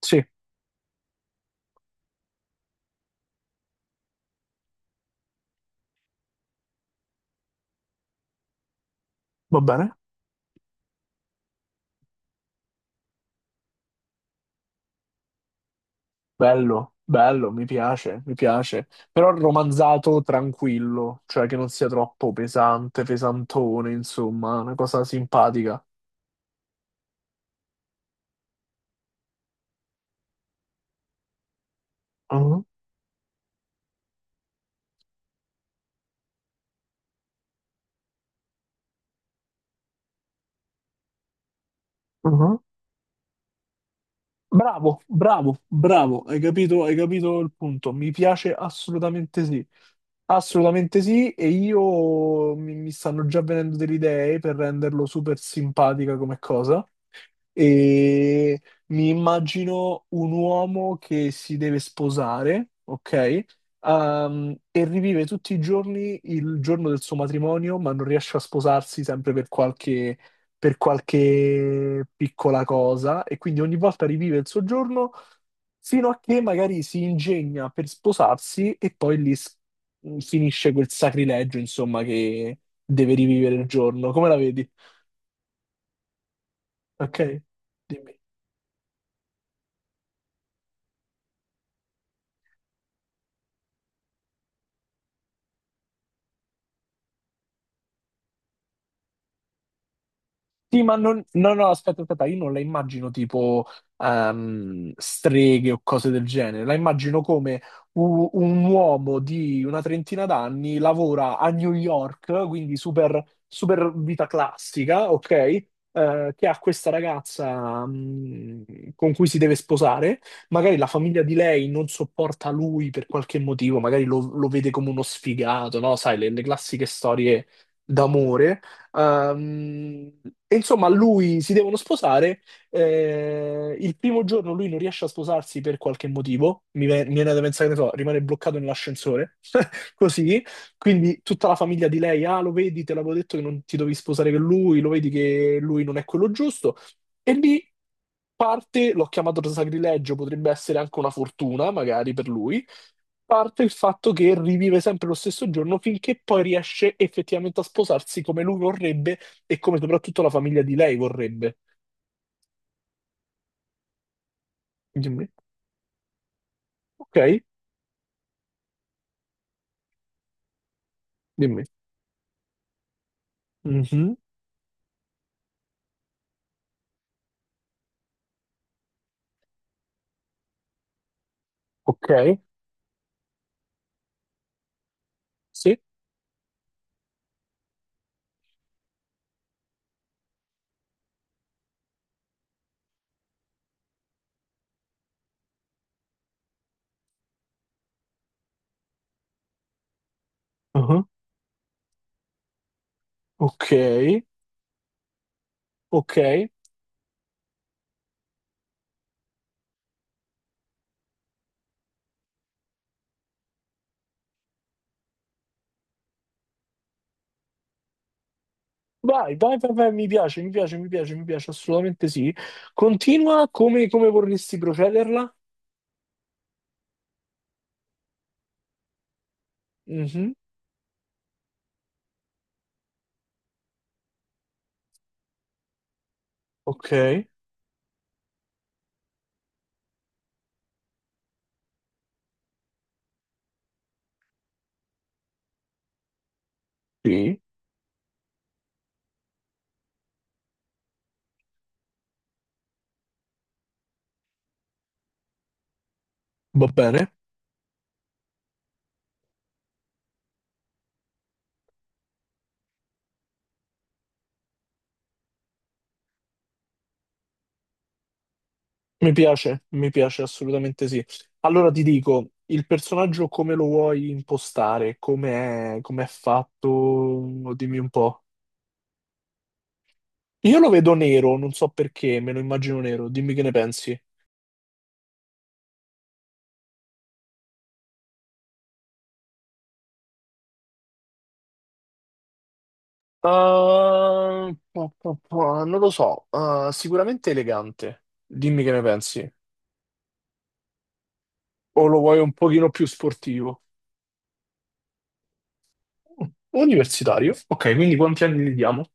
Sì, va bene. Bello, bello, mi piace, mi piace. Però romanzato tranquillo, cioè che non sia troppo pesante, pesantone, insomma, una cosa simpatica. Mhm, mhm. Bravo, bravo, bravo, hai capito il punto. Mi piace assolutamente sì. Assolutamente sì, e io mi stanno già venendo delle idee per renderlo super simpatica come cosa. E mi immagino un uomo che si deve sposare, ok? E rivive tutti i giorni il giorno del suo matrimonio, ma non riesce a sposarsi sempre per per qualche piccola cosa, e quindi ogni volta rivive il suo giorno fino a che magari si ingegna per sposarsi e poi finisce quel sacrilegio, insomma, che deve rivivere il giorno. Come la vedi? Ok? Dimmi. Sì, ma non... No, no, aspetta, aspetta, io non la immagino tipo streghe o cose del genere, la immagino come un uomo di una trentina d'anni lavora a New York, quindi super, super vita classica, ok? Che ha questa ragazza con cui si deve sposare, magari la famiglia di lei non sopporta lui per qualche motivo, magari lo vede come uno sfigato, no? Sai, le classiche storie d'amore. Ehm, e insomma, lui si devono sposare. Eh, il primo giorno lui non riesce a sposarsi per qualche motivo. Mi viene da pensare, che ne so, rimane bloccato nell'ascensore. Così. Quindi tutta la famiglia di lei, ah, lo vedi, te l'avevo detto che non ti dovevi sposare con lui, lo vedi che lui non è quello giusto. E lì parte, l'ho chiamato sacrilegio, potrebbe essere anche una fortuna, magari per lui parte il fatto che rivive sempre lo stesso giorno finché poi riesce effettivamente a sposarsi come lui vorrebbe e come soprattutto la famiglia di lei vorrebbe. Dimmi. Ok, dimmi. Mhm. Ok, sì. Mhm. Ok, ok. Vai, vai, vai, vai, mi piace, mi piace, mi piace, mi piace, assolutamente sì. Continua come, come vorresti procederla? Mhm. Ok, sì, va bene. Mi piace assolutamente sì. Allora ti dico, il personaggio come lo vuoi impostare? Come è fatto? Dimmi un po'. Io lo vedo nero, non so perché, me lo immagino nero. Dimmi che ne pensi. Ah, non lo so, ah, sicuramente elegante, dimmi che ne pensi. O lo vuoi un pochino più sportivo? Universitario. Ok, quindi quanti anni gli diamo?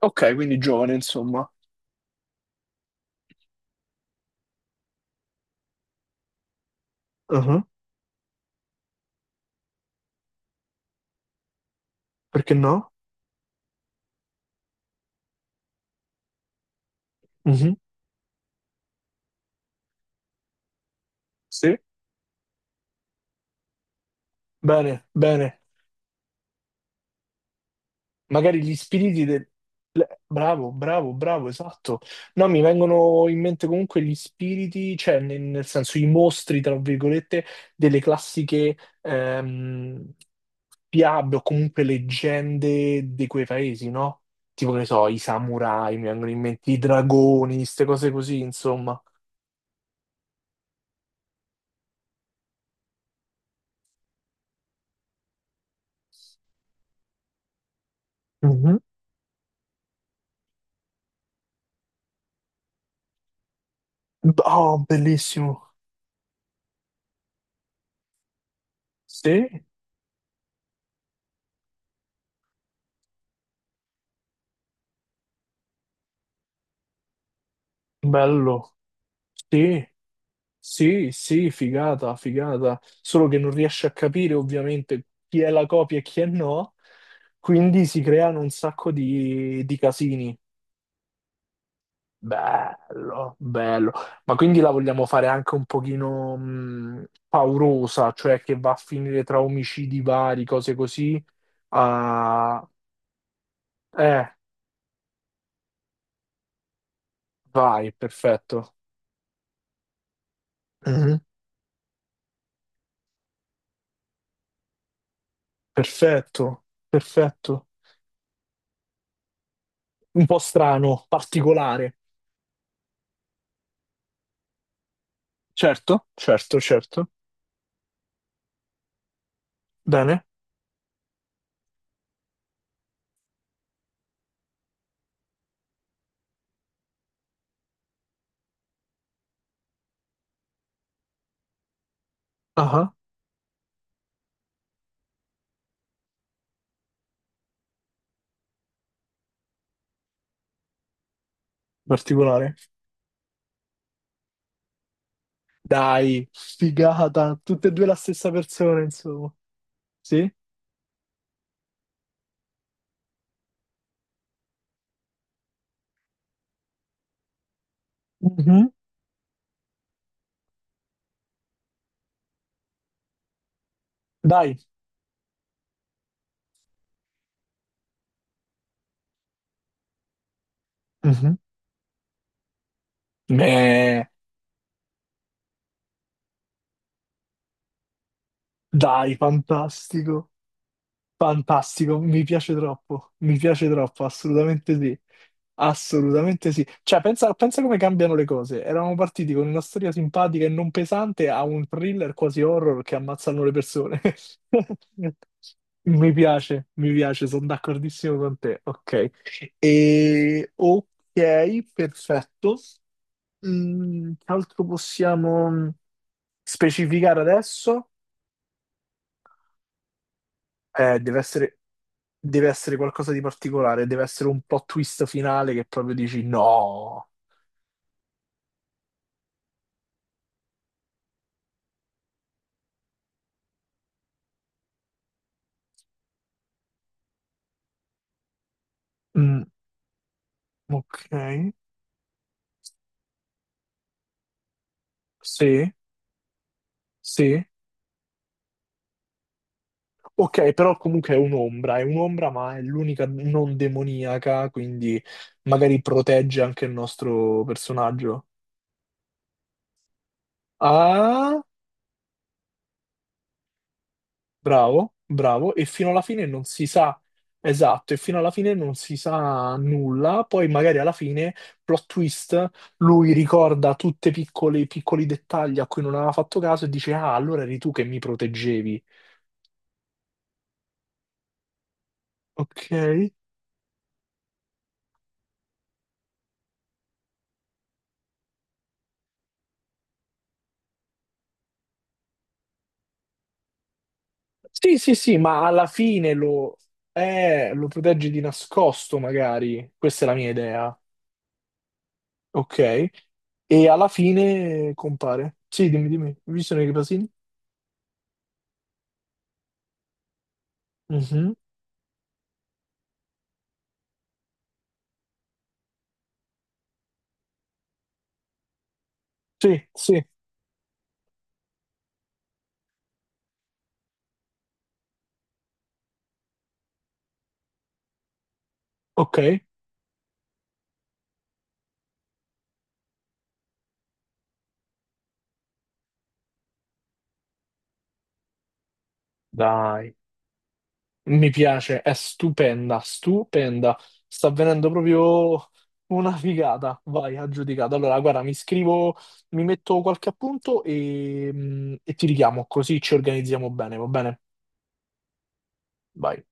Ok, quindi giovane, insomma. Ah, perché no? Mhm. Sì. Bene, bene. Magari gli spiriti del... Bravo, bravo, bravo, esatto. No, mi vengono in mente comunque gli spiriti, cioè nel senso i mostri, tra virgolette, delle classiche ehm, fiabe o comunque leggende di quei paesi, no? Tipo, che ne so, i samurai, mi vengono in mente i dragoni, queste cose così, insomma. Mhm. Oh, bellissimo. Sì, bello. Sì. Sì, sì, figata, figata, solo che non riesce a capire ovviamente chi è la copia e chi è no, quindi si creano un sacco di casini. Bello, bello. Ma quindi la vogliamo fare anche un pochino paurosa, cioè che va a finire tra omicidi vari, cose così. Ah, eh, vai, perfetto. Mhm, perfetto, perfetto. Un po' strano, particolare. Certo, certo, certo. Bene. Ah, particolare. Dai, figata, tutte e due la stessa persona, insomma. Sì? Mhm. Dai. Mhm. Beh, dai, fantastico. Fantastico, mi piace troppo, assolutamente sì, assolutamente sì. Cioè, pensa, pensa come cambiano le cose. Eravamo partiti con una storia simpatica e non pesante a un thriller quasi horror che ammazzano le persone. Mi piace, sono d'accordissimo con te. Ok, e... ok, perfetto. Mm, che altro possiamo specificare adesso? Eh, deve essere, deve essere qualcosa di particolare, deve essere un plot twist finale che proprio dici no. Mm, ok, sì, sì. Ok, però comunque è un'ombra, ma è l'unica non demoniaca, quindi magari protegge anche il nostro personaggio. Ah. Bravo, bravo, e fino alla fine non si sa, esatto, e fino alla fine non si sa nulla, poi magari alla fine, plot twist, lui ricorda tutti i piccoli, piccoli dettagli a cui non aveva fatto caso e dice, ah, allora eri tu che mi proteggevi, ok? Sì, sì, sì, ma alla fine lo, lo proteggi di nascosto, magari, questa è la mia idea, ok? E alla fine compare, sì, dimmi, dimmi, visione dei pasini? Mhm. Sì, sì, ok. Dai, mi piace, è stupenda, stupenda. Sta venendo proprio una figata. Vai, aggiudicato. Allora, guarda, mi scrivo, mi metto qualche appunto e, e ti richiamo, così ci organizziamo bene, va bene? Vai.